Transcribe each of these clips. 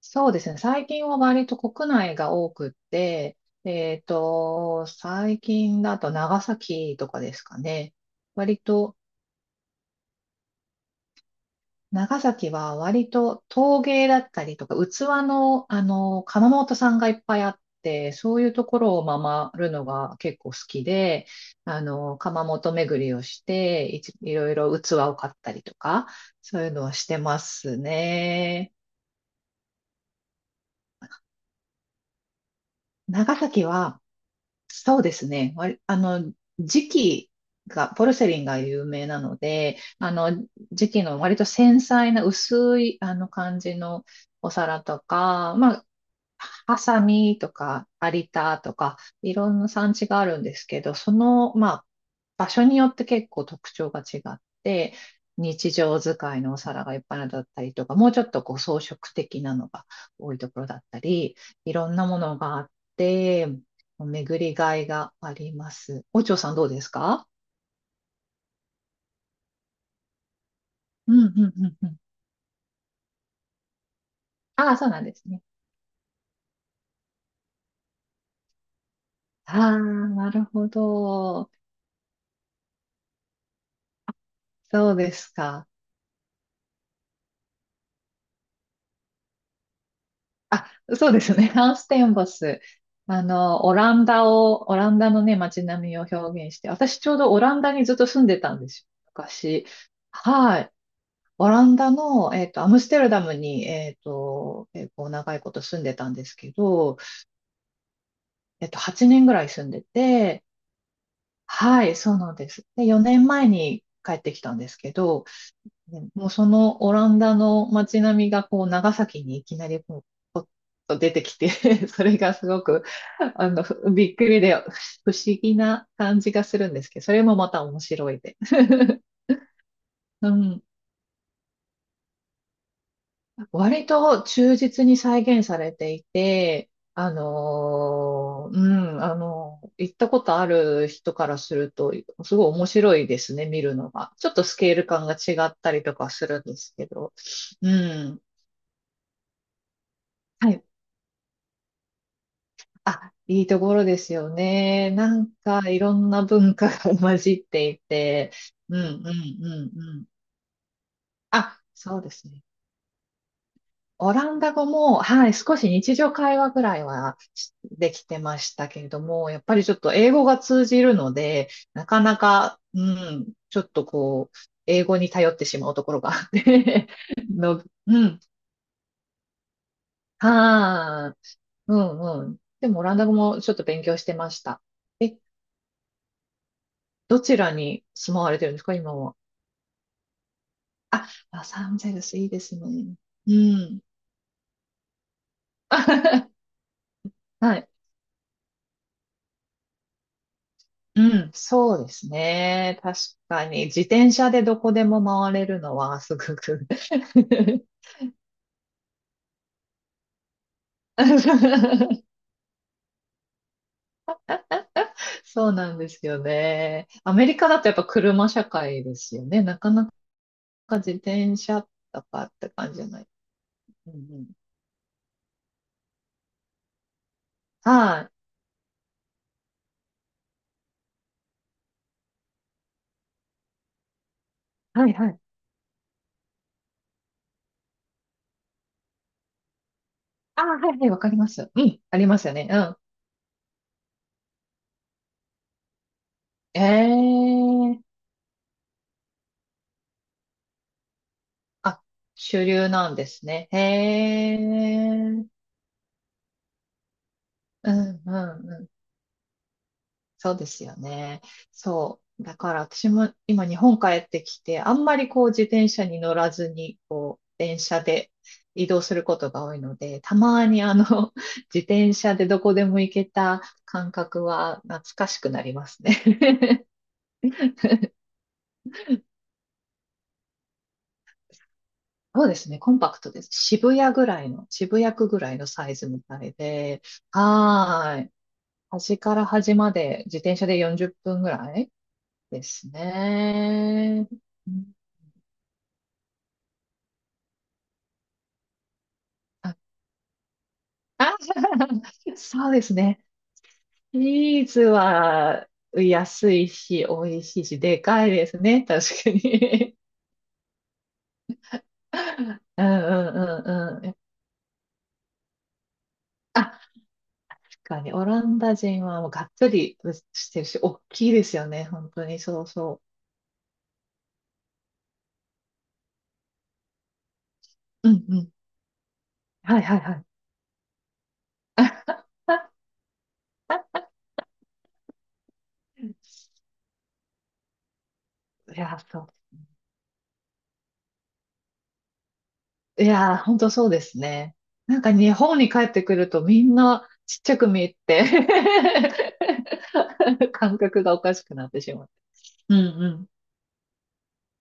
そうですね。最近は割と国内が多くって、最近だと長崎とかですかね。割と、長崎は割と陶芸だったりとか、器の、窯元さんがいっぱいあって、そういうところを回るのが結構好きで、窯元巡りをして、いろいろ器を買ったりとか、そういうのはしてますね。長崎は、そうですね。わりあの、磁器が、ポルセリンが有名なので、磁器の割と繊細な薄い、感じのお皿とか、ハサミとか、有田とか、いろんな産地があるんですけど、場所によって結構特徴が違って、日常使いのお皿がいっぱいのだったりとか、もうちょっとこう装飾的なのが多いところだったり、いろんなものがあって、巡りがいがあります。お嬢さんどうですか？うんうんうんうん。ああ、そうなんですね。ああ、なるほど。そうですか。あ、そうですね。ハウステンボス。オランダのね、街並みを表現して、私ちょうどオランダにずっと住んでたんですよ。昔。はい。オランダの、アムステルダムに、結構長いこと住んでたんですけど、8年ぐらい住んでて、はい、そうなんです。で、4年前に帰ってきたんですけど、ねもうそのオランダの街並みがこう長崎にいきなりこうポッと出てきて それがすごくあのびっくりで不思議な感じがするんですけど、それもまた面白いで。うん、割と忠実に再現されていて、あのーう行ったことある人からすると、すごい面白いですね、見るのが。ちょっとスケール感が違ったりとかするんですけど。うん。はい。あ、いいところですよね。なんかいろんな文化が 混じっていて。うんうんうんうん。あ、そうですね。オランダ語も、はい、少し日常会話ぐらいはしできてましたけれども、やっぱりちょっと英語が通じるので、なかなか、うん、ちょっとこう、英語に頼ってしまうところがあって の、うん、はあ、うんうん。でもオランダ語もちょっと勉強してました。え、どちらに住まわれてるんですか、今は。あ、ロサンゼルスいいですね。うん。はい。うん、そうですね。確かに、自転車でどこでも回れるのはすごく。 そうなんですよね。アメリカだとやっぱ車社会ですよね。なかなか自転車とかって感じじゃない。うんうん、はい。はいはい。ああ、はいはい、わかります。うん、ありますよね。うん。ええ、あ、主流なんですね。へえ。うんうんうん。そうですよね。そう。だから私も今日本帰ってきて、あんまりこう自転車に乗らずに、こう、電車で移動することが多いので、たまに自転車でどこでも行けた感覚は懐かしくなりますね。そうですね。コンパクトです。渋谷区ぐらいのサイズみたいで、はーい。端から端まで自転車で40分ぐらいですね。うん、あ、あ。 そうですね。ビーズは安いし、美味しいし、でかいですね。確かに。うんうんうんうん。あ、確かに、オランダ人はもうがっつりしてるし、大きいですよね。本当に、そうそう。うんうん。はいはいはい。あ、いや、そう。いやー、ほんとそうですね。なんか日本に帰ってくるとみんなちっちゃく見えて 感覚がおかしくなってしまう。うんうん。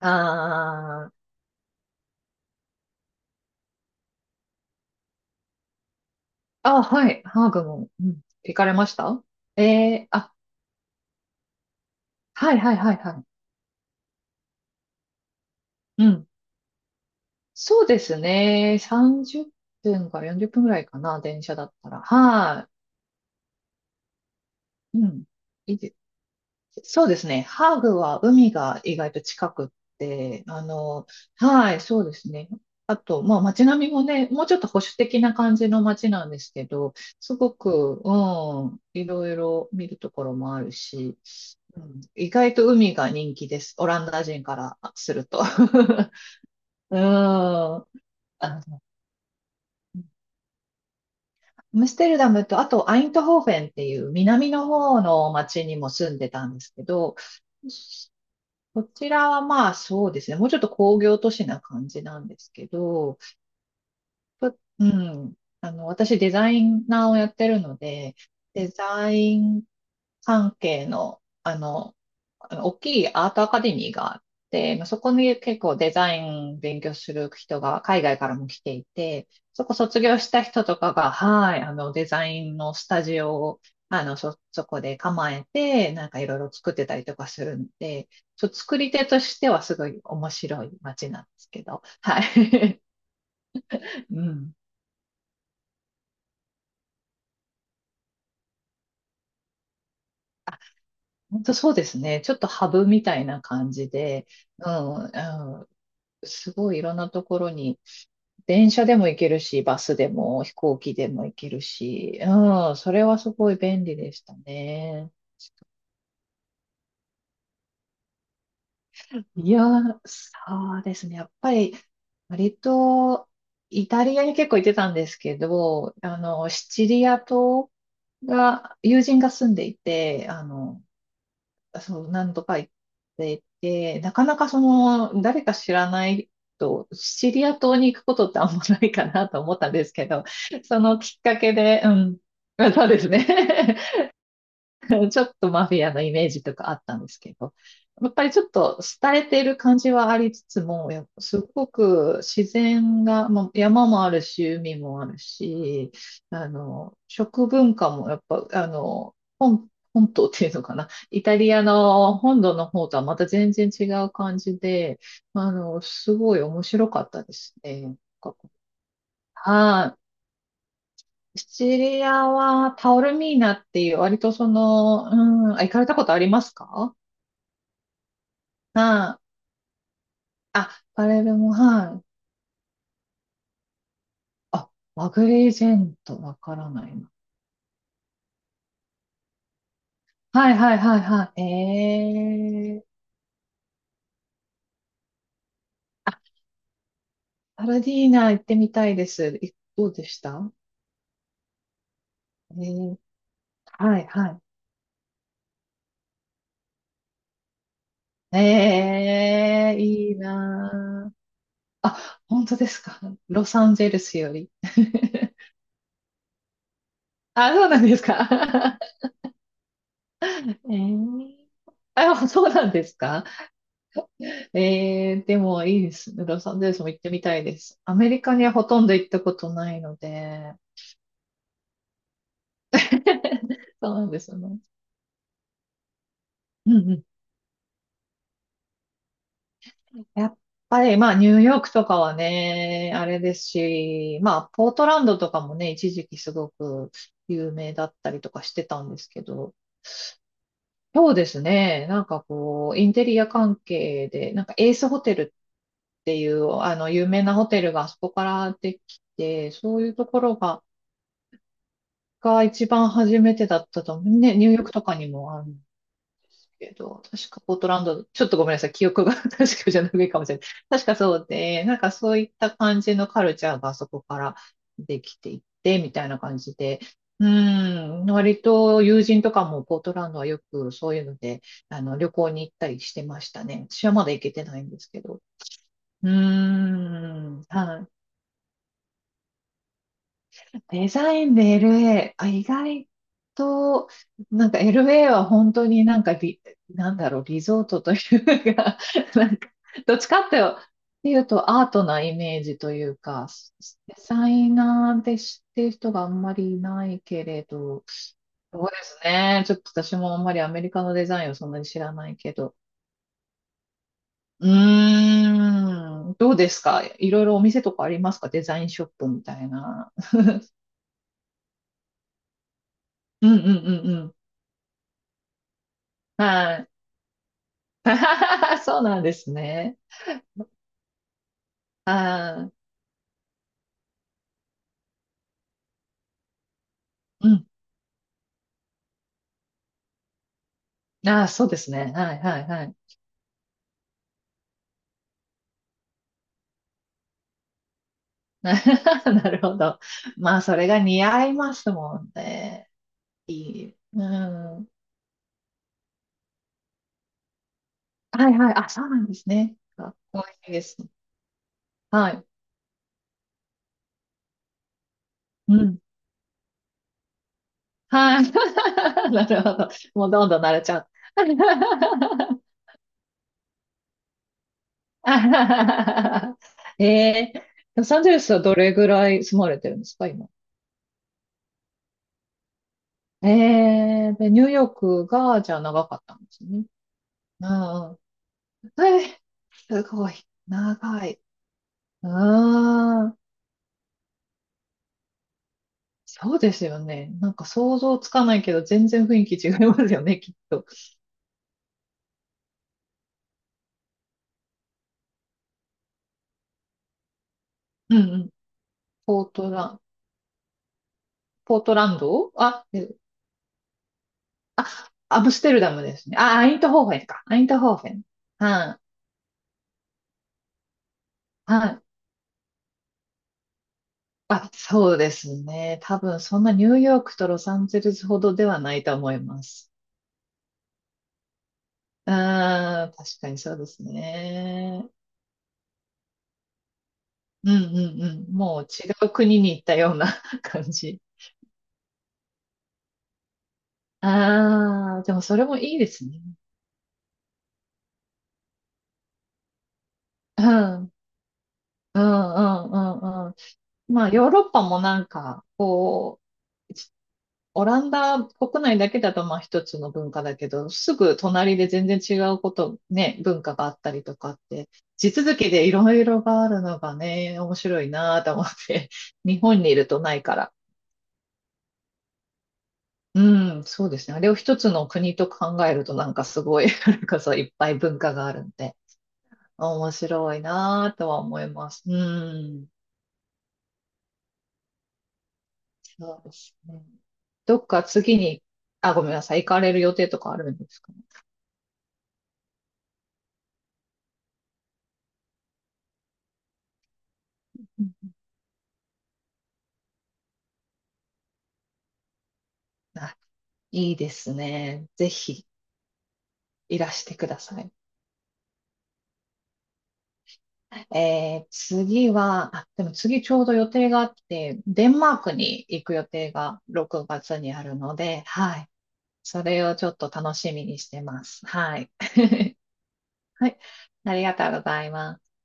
あー、あ、はい、ハーグも、うん、行かれました？えー、あ、はいはいはいはい。うん。そうですね。30分から40分ぐらいかな、電車だったら。はい。うん。いいでそうですね。ハーグは海が意外と近くって、はい、そうですね。まあ街並みもね、もうちょっと保守的な感じの街なんですけど、すごく、うん、いろいろ見るところもあるし、うん、意外と海が人気です。オランダ人からすると。うん。あ、アムステルダムと、あとアイントホーフェンっていう南の方の町にも住んでたんですけど、こちらはまあそうですね、もうちょっと工業都市な感じなんですけど、ぷうん。私デザイナーをやってるので、デザイン関係の、大きいアートアカデミーがあって、まあ、そこに結構デザイン勉強する人が海外からも来ていて、そこ卒業した人とかが、はい、デザインのスタジオを、そこで構えて、なんかいろいろ作ってたりとかするんで、作り手としてはすごい面白い街なんですけど、はい。うん。本当そうですね。ちょっとハブみたいな感じで、うん、うん、すごいいろんなところに、電車でも行けるし、バスでも飛行機でも行けるし、うん、それはすごい便利でしたね。いや、そうですね。やっぱり、割と、イタリアに結構行ってたんですけど、シチリア島が、友人が住んでいて、そう、何度か行っていて、なかなかその、誰か知らないと、シチリア島に行くことってあんまないかなと思ったんですけど、そのきっかけで、うん、そうですね。ちょっとマフィアのイメージとかあったんですけど、やっぱりちょっと廃れている感じはありつつも、すごく自然が、まあ山もあるし、海もあるし、食文化もやっぱ、本島っていうのかな。イタリアの本土の方とはまた全然違う感じで、すごい面白かったですね。はい。シチリアはタオルミーナっていう、割とその、うん、あ、行かれたことありますか？はい。あ、パレルも、はい。あ、マグリージェント、わからないな。はいはいはいはい。えー。あ、パルディーナ行ってみたいです。どうでした？えー、はいはい。えー、いいなー。あ、本当ですか？ロサンゼルスより。あ、そうなんですか？ えー、あ、そうなんですか？えー、でもいいですね。ロサンゼルスも行ってみたいです。アメリカにはほとんど行ったことないので。そうなんですよね。うんうん。やっぱり、まあ、ニューヨークとかはね、あれですし、まあ、ポートランドとかもね、一時期すごく有名だったりとかしてたんですけど、そうですね、なんかこう、インテリア関係で、なんかエースホテルっていう、有名なホテルがあそこからできて、そういうところが、が一番初めてだったと思う。ね、ニューヨークとかにもあるんですけど、確かポートランド、ちょっとごめんなさい、記憶が 確かじゃないかもしれない。確かそうで、なんかそういった感じのカルチャーがそこからできていって、みたいな感じで、うん、割と友人とかもポートランドはよくそういうので、あの、旅行に行ったりしてましたね。私はまだ行けてないんですけど。うん、はい。デザインで LA、あ、意外と、なんか LA は本当になんかリ、なんだろう、リゾートというか、なんか、どっちかっていうとアートなイメージというか、デザイナーで知ってる人があんまりいないけれど、そうですね。ちょっと私もあんまりアメリカのデザインをそんなに知らないけど。うーん、どうですか、いろいろお店とかありますか、デザインショップみたいな。うんうんうんうん。はい。そうなんですね。ああ、うん。ああ、そうですね。はい、はい、はい。なるほど。まあ、それが似合いますもんね。いい。うん。はい、はい。あ、そうなんですね。かっこいいですね。はい。うん。はい。なるほど。もうどんどん慣れちゃう。ええ、ロサンゼルスはどれぐらい住まれてるんですか、今。ええ、で、ニューヨークが、じゃあ長かったんですね。うんうん。えー、すごい。長い。うーん。そうですよね。なんか想像つかないけど、全然雰囲気違いますよね、きっと。うんうん。ポートラン、ポートランド、あ、アムステルダムですね。あ、アイントホーフェンか。アイントホーフェン。はい。はい。あ、そうですね。多分、そんなニューヨークとロサンゼルスほどではないと思います。うーん、確かにそうですね。うんうんうん。もう違う国に行ったような 感じ。ああ、でもそれもいいですね。うん、うん、うん、うん、うん。まあ、ヨーロッパもなんか、こう、オランダ国内だけだとまあ一つの文化だけど、すぐ隣で全然違うこと、ね、文化があったりとかって、地続きでいろいろがあるのがね、面白いなと思って、日本にいるとないから。うん、そうですね。あれを一つの国と考えるとなんかすごい、なんかそういっぱい文化があるんで、面白いなとは思います。うん。そうですね。どっか次に、あ、ごめんなさい、行かれる予定とかあるんですかね。うん。あ、いいですね。ぜひ、いらしてください。次は、あ、でも次ちょうど予定があって、デンマークに行く予定が6月にあるので、はい。それをちょっと楽しみにしてます。はい。はい。ありがとうございます。